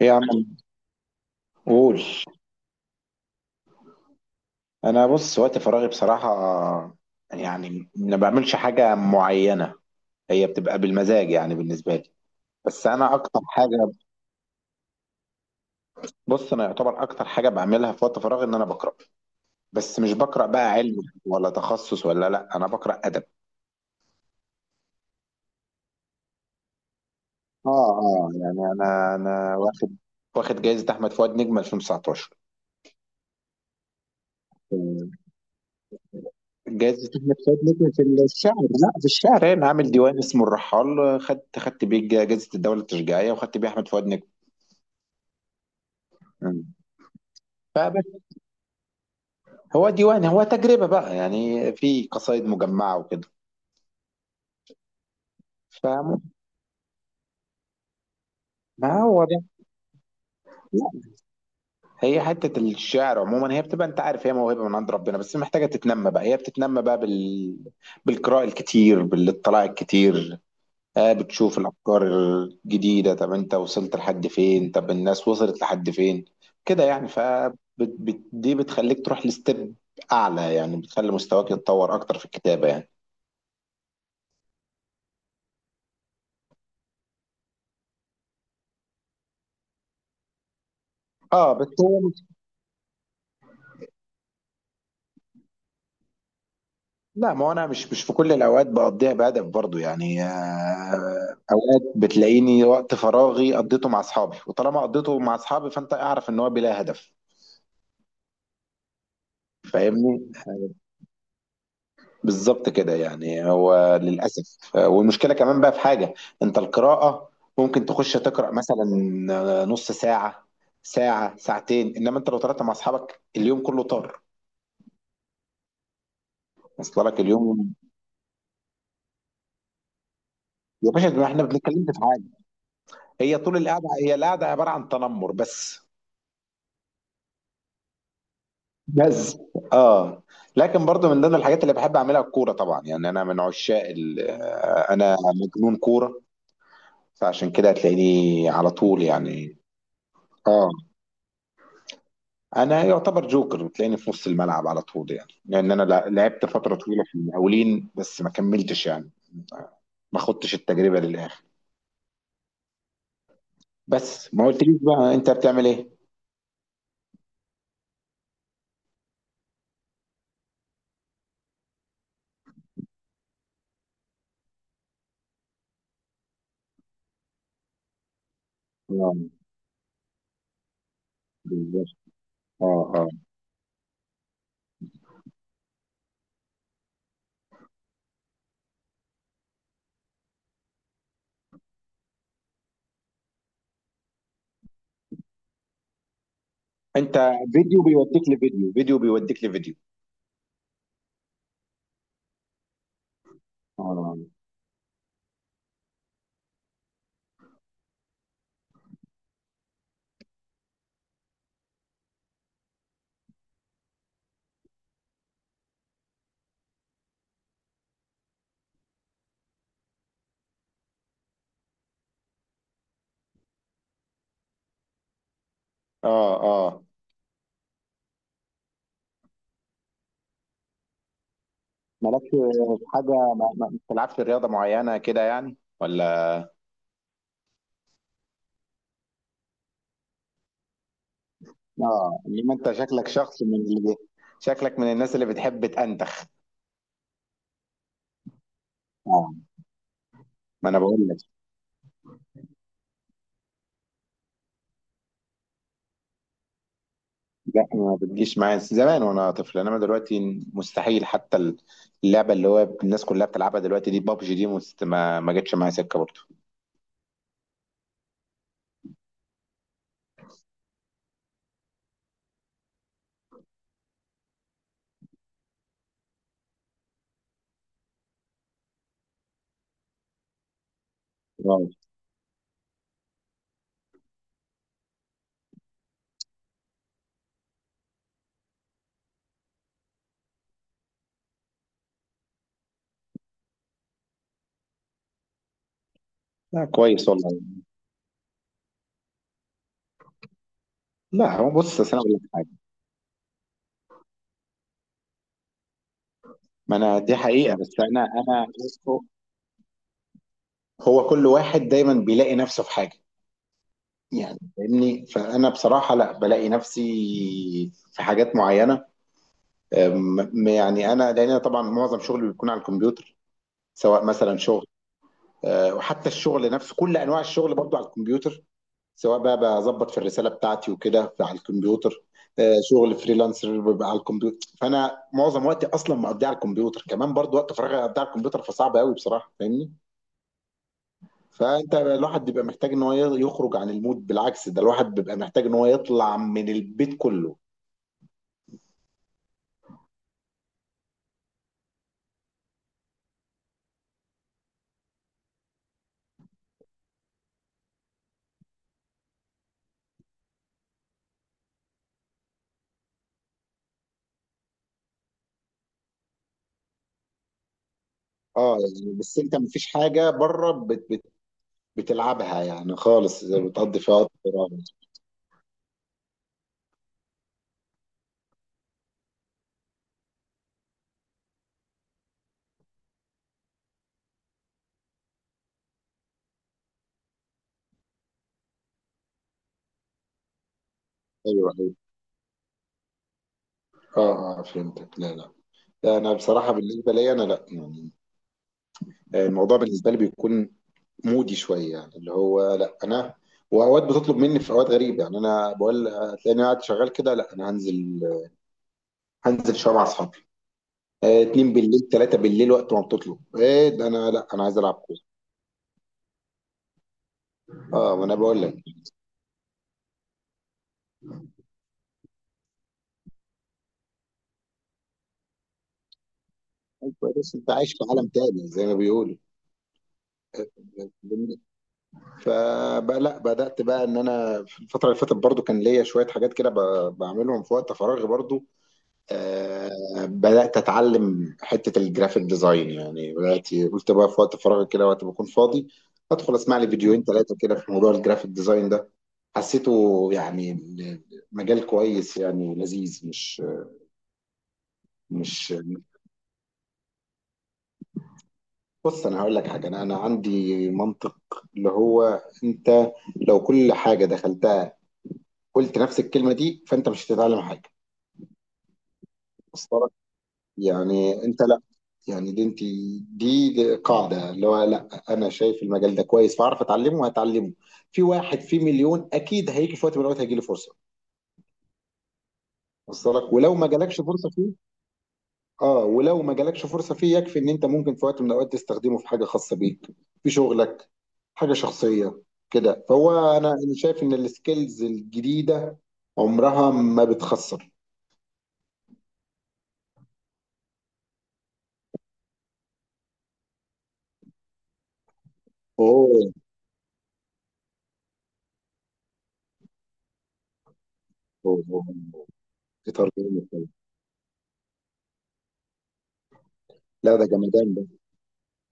ايه يا عم، قول. انا بص وقت فراغي بصراحه، يعني ما بعملش حاجه معينه. هي بتبقى بالمزاج يعني بالنسبه لي. بس انا اكتر حاجه بص انا يعتبر اكتر حاجه بعملها في وقت فراغي ان انا بقرا. بس مش بقرا بقى علم ولا تخصص، ولا، لا، انا بقرا ادب. اه، اه، يعني انا واخد جائزه احمد فؤاد نجم 2019. جائزة احمد فؤاد نجم في الشعر، لا في الشعر، انا عامل ديوان اسمه الرحال، خدت بيه جائزة الدولة التشجيعية، وخدت بيه احمد فؤاد نجم. مم. فبس، هو ديوان، هو تجربة بقى، يعني في قصائد مجمعة وكده. فاهم. ما هو ده. لا، هي حتة الشعر عموما، هي بتبقى انت عارف، هي موهبة من عند ربنا، بس محتاجة تتنمى بقى، هي بتتنمى بقى بالقراءة الكتير، بالاطلاع الكتير. بتشوف الأفكار الجديدة، طب انت وصلت لحد فين، طب الناس وصلت لحد فين كده يعني. دي بتخليك تروح لستيب أعلى، يعني بتخلي مستواك يتطور أكتر في الكتابة يعني. اه، بس هو. لا ما هو انا مش في كل الاوقات بقضيها بهدف برضو يعني. اوقات بتلاقيني وقت فراغي قضيته مع اصحابي، وطالما قضيته مع اصحابي فانت اعرف ان هو بلا هدف. فاهمني. بالظبط كده يعني هو للاسف، والمشكله كمان بقى في حاجه. انت القراءه ممكن تخش تقرا مثلا نص ساعه، ساعه، ساعتين، انما انت لو طلعت مع اصحابك اليوم كله طار. وصل لك اليوم؟ يا باشا، ده احنا بنتكلم في حاجه. هي طول القعده، هي القعده عباره عن تنمر بس، اه. لكن برضو من ضمن الحاجات اللي بحب اعملها الكوره طبعا، يعني انا من عشاق انا مجنون كوره. فعشان كده هتلاقيني على طول يعني. اه، انا يعتبر جوكر، بتلاقيني في نص الملعب على طول، يعني لان انا لعبت فتره طويله في المقاولين بس ما كملتش يعني. ما خدتش التجربه للاخر. بس ما قلتليش بقى انت بتعمل ايه؟ اه، بالظبط. اه، اه، انت فيديو بيوديك لفيديو، فيديو بيوديك لفيديو. اه، اه. آه. مالكش في حاجة، ما بتلعبش رياضة معينة كده يعني ولا؟ اه، انما انت شكلك من الناس اللي بتحب تأنتخ. اه، ما انا بقول لك. لا، ما بتجيش معايا زمان وانا طفل، انما دلوقتي مستحيل حتى. اللعبة اللي هو الناس كلها بتلعبها دلوقتي دي بابجي، دي ما جتش معايا سكة برضه. آه. لا كويس والله. لا هو بص، أصل انا اقول لك حاجة. ما انا دي حقيقة، بس انا. هو كل واحد دايما بيلاقي نفسه في حاجة. يعني فاهمني، فانا بصراحه لا بلاقي نفسي في حاجات معينه. يعني انا لان أنا طبعا معظم شغلي بيكون على الكمبيوتر، سواء مثلا شغل، وحتى الشغل نفسه كل انواع الشغل برضو على الكمبيوتر، سواء بقى بظبط في الرساله بتاعتي وكده على الكمبيوتر. شغل فريلانسر بيبقى على الكمبيوتر، فانا معظم وقتي اصلا مقضيه على الكمبيوتر، كمان برضو وقت فراغي اقضيه على الكمبيوتر، فصعب قوي بصراحه، فاهمني. فانت الواحد بيبقى محتاج ان هو يخرج عن المود، بالعكس ده الواحد بيبقى محتاج ان هو يطلع من البيت كله. اه يعني، بس انت مفيش حاجه بره بت بت بتلعبها يعني خالص بتقضي فيها وقت فراغ؟ ايوه، ايوه. اه، اه، فهمتك. لا، لا، لا، انا بصراحه بالنسبه لي، انا لا يعني. الموضوع بالنسبه لي بيكون مودي شويه يعني، اللي هو لا انا. واوقات بتطلب مني في اوقات غريبه يعني، انا بقول هتلاقيني قاعد شغال كده، لا انا هنزل شويه مع اصحابي. اتنين بالليل، تلاتة بالليل، وقت ما بتطلب، ايه ده، انا لا انا عايز العب كورة. اه ما انا بقول لك. بس انت عايش في عالم تاني زي ما بيقولوا. فبقى لا، بدأت بقى ان انا في الفترة اللي فاتت برضو كان ليا شوية حاجات كده بعملهم في وقت فراغي برضو. آه بدأت اتعلم حتة الجرافيك ديزاين يعني، بدأت قلت بقى في وقت فراغي كده وقت ما اكون فاضي، ادخل اسمع لي فيديوهين ثلاثة كده في موضوع الجرافيك ديزاين ده. حسيته يعني، مجال كويس يعني لذيذ مش. بص انا هقول لك حاجه، انا عندي منطق اللي هو انت، لو كل حاجه دخلتها قلت نفس الكلمه دي فانت مش هتتعلم حاجه. وصل لك؟ يعني انت لا يعني، دي انت دي قاعده اللي هو لا انا شايف المجال ده كويس، فاعرف اتعلمه وهتعلمه. في واحد في مليون اكيد، هيجي في وقت من الاوقات هيجي له فرصه. وصل لك؟ ولو ما جالكش فرصه فيه. اه، ولو ما جالكش فرصه فيه يكفي ان انت ممكن في وقت من الاوقات تستخدمه في حاجه خاصه بيك، في شغلك، حاجه شخصيه. كده، فهو انا شايف ان السكيلز الجديده عمرها ما بتخسر. اوه، أوه، أوه. في ترجمة. لا ده جمدان ده.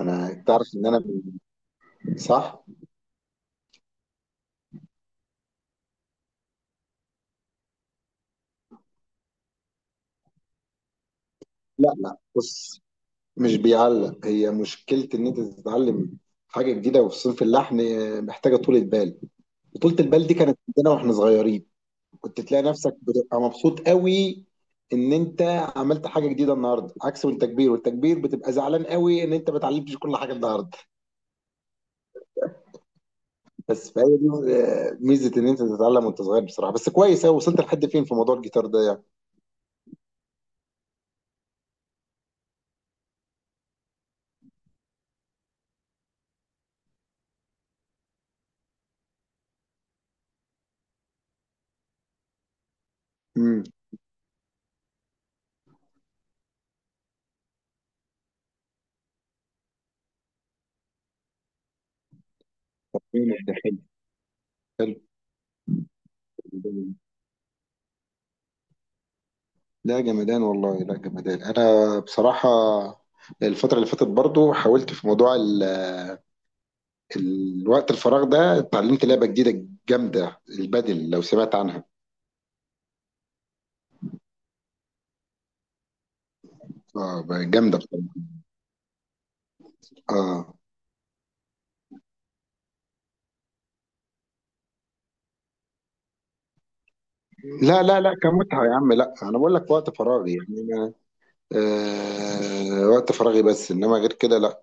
انا تعرف ان انا صح. لا، لا، بص، مش بيعلق، هي مشكله ان انت تتعلم حاجه جديده، وفي صنف اللحن محتاجه طولة بال، وطولة البال دي كانت عندنا واحنا صغيرين. كنت تلاقي نفسك بتبقى مبسوط قوي ان انت عملت حاجه جديده النهارده، عكس التكبير، والتكبير بتبقى زعلان قوي ان انت ما اتعلمتش كل حاجه النهارده. بس فهي دي ميزه ان انت تتعلم وانت صغير بصراحه، بس كويس قوي، وصلت لحد فين في موضوع الجيتار ده يعني؟ امم. جامد ده، حلو، حلو. لا جمدان والله، لا جمدان، انا بصراحه، الفترة اللي فاتت برضو حاولت في موضوع الوقت الفراغ ده، اتعلمت لعبة جديدة جامدة، البادل لو سمعت عنها. اه، جامدة بصراحة، اه. لا، لا، لا، كمتعة يا عم، لا أنا بقول لك وقت فراغي يعني أنا، وقت فراغي، بس إنما غير كده لا.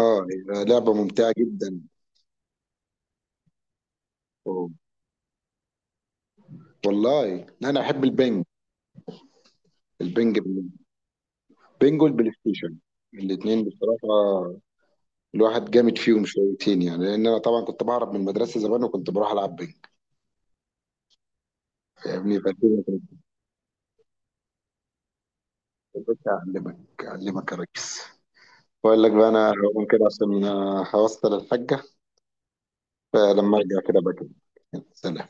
أه. لعبة ممتعة جدا. والله أنا أحب البنج البنج والبلاي ستيشن، الاتنين بصراحة. الواحد جامد فيهم شويتين يعني، لأن أنا طبعا كنت بهرب من المدرسة زمان وكنت بروح ألعب بنج. فاهمني، فالدنيا كانت بتبقى، أعلمك يا ريس. بقول لك بقى أنا هقوم كده عشان هوصل الحاجة. فلما أرجع كده بقى كده. سلام.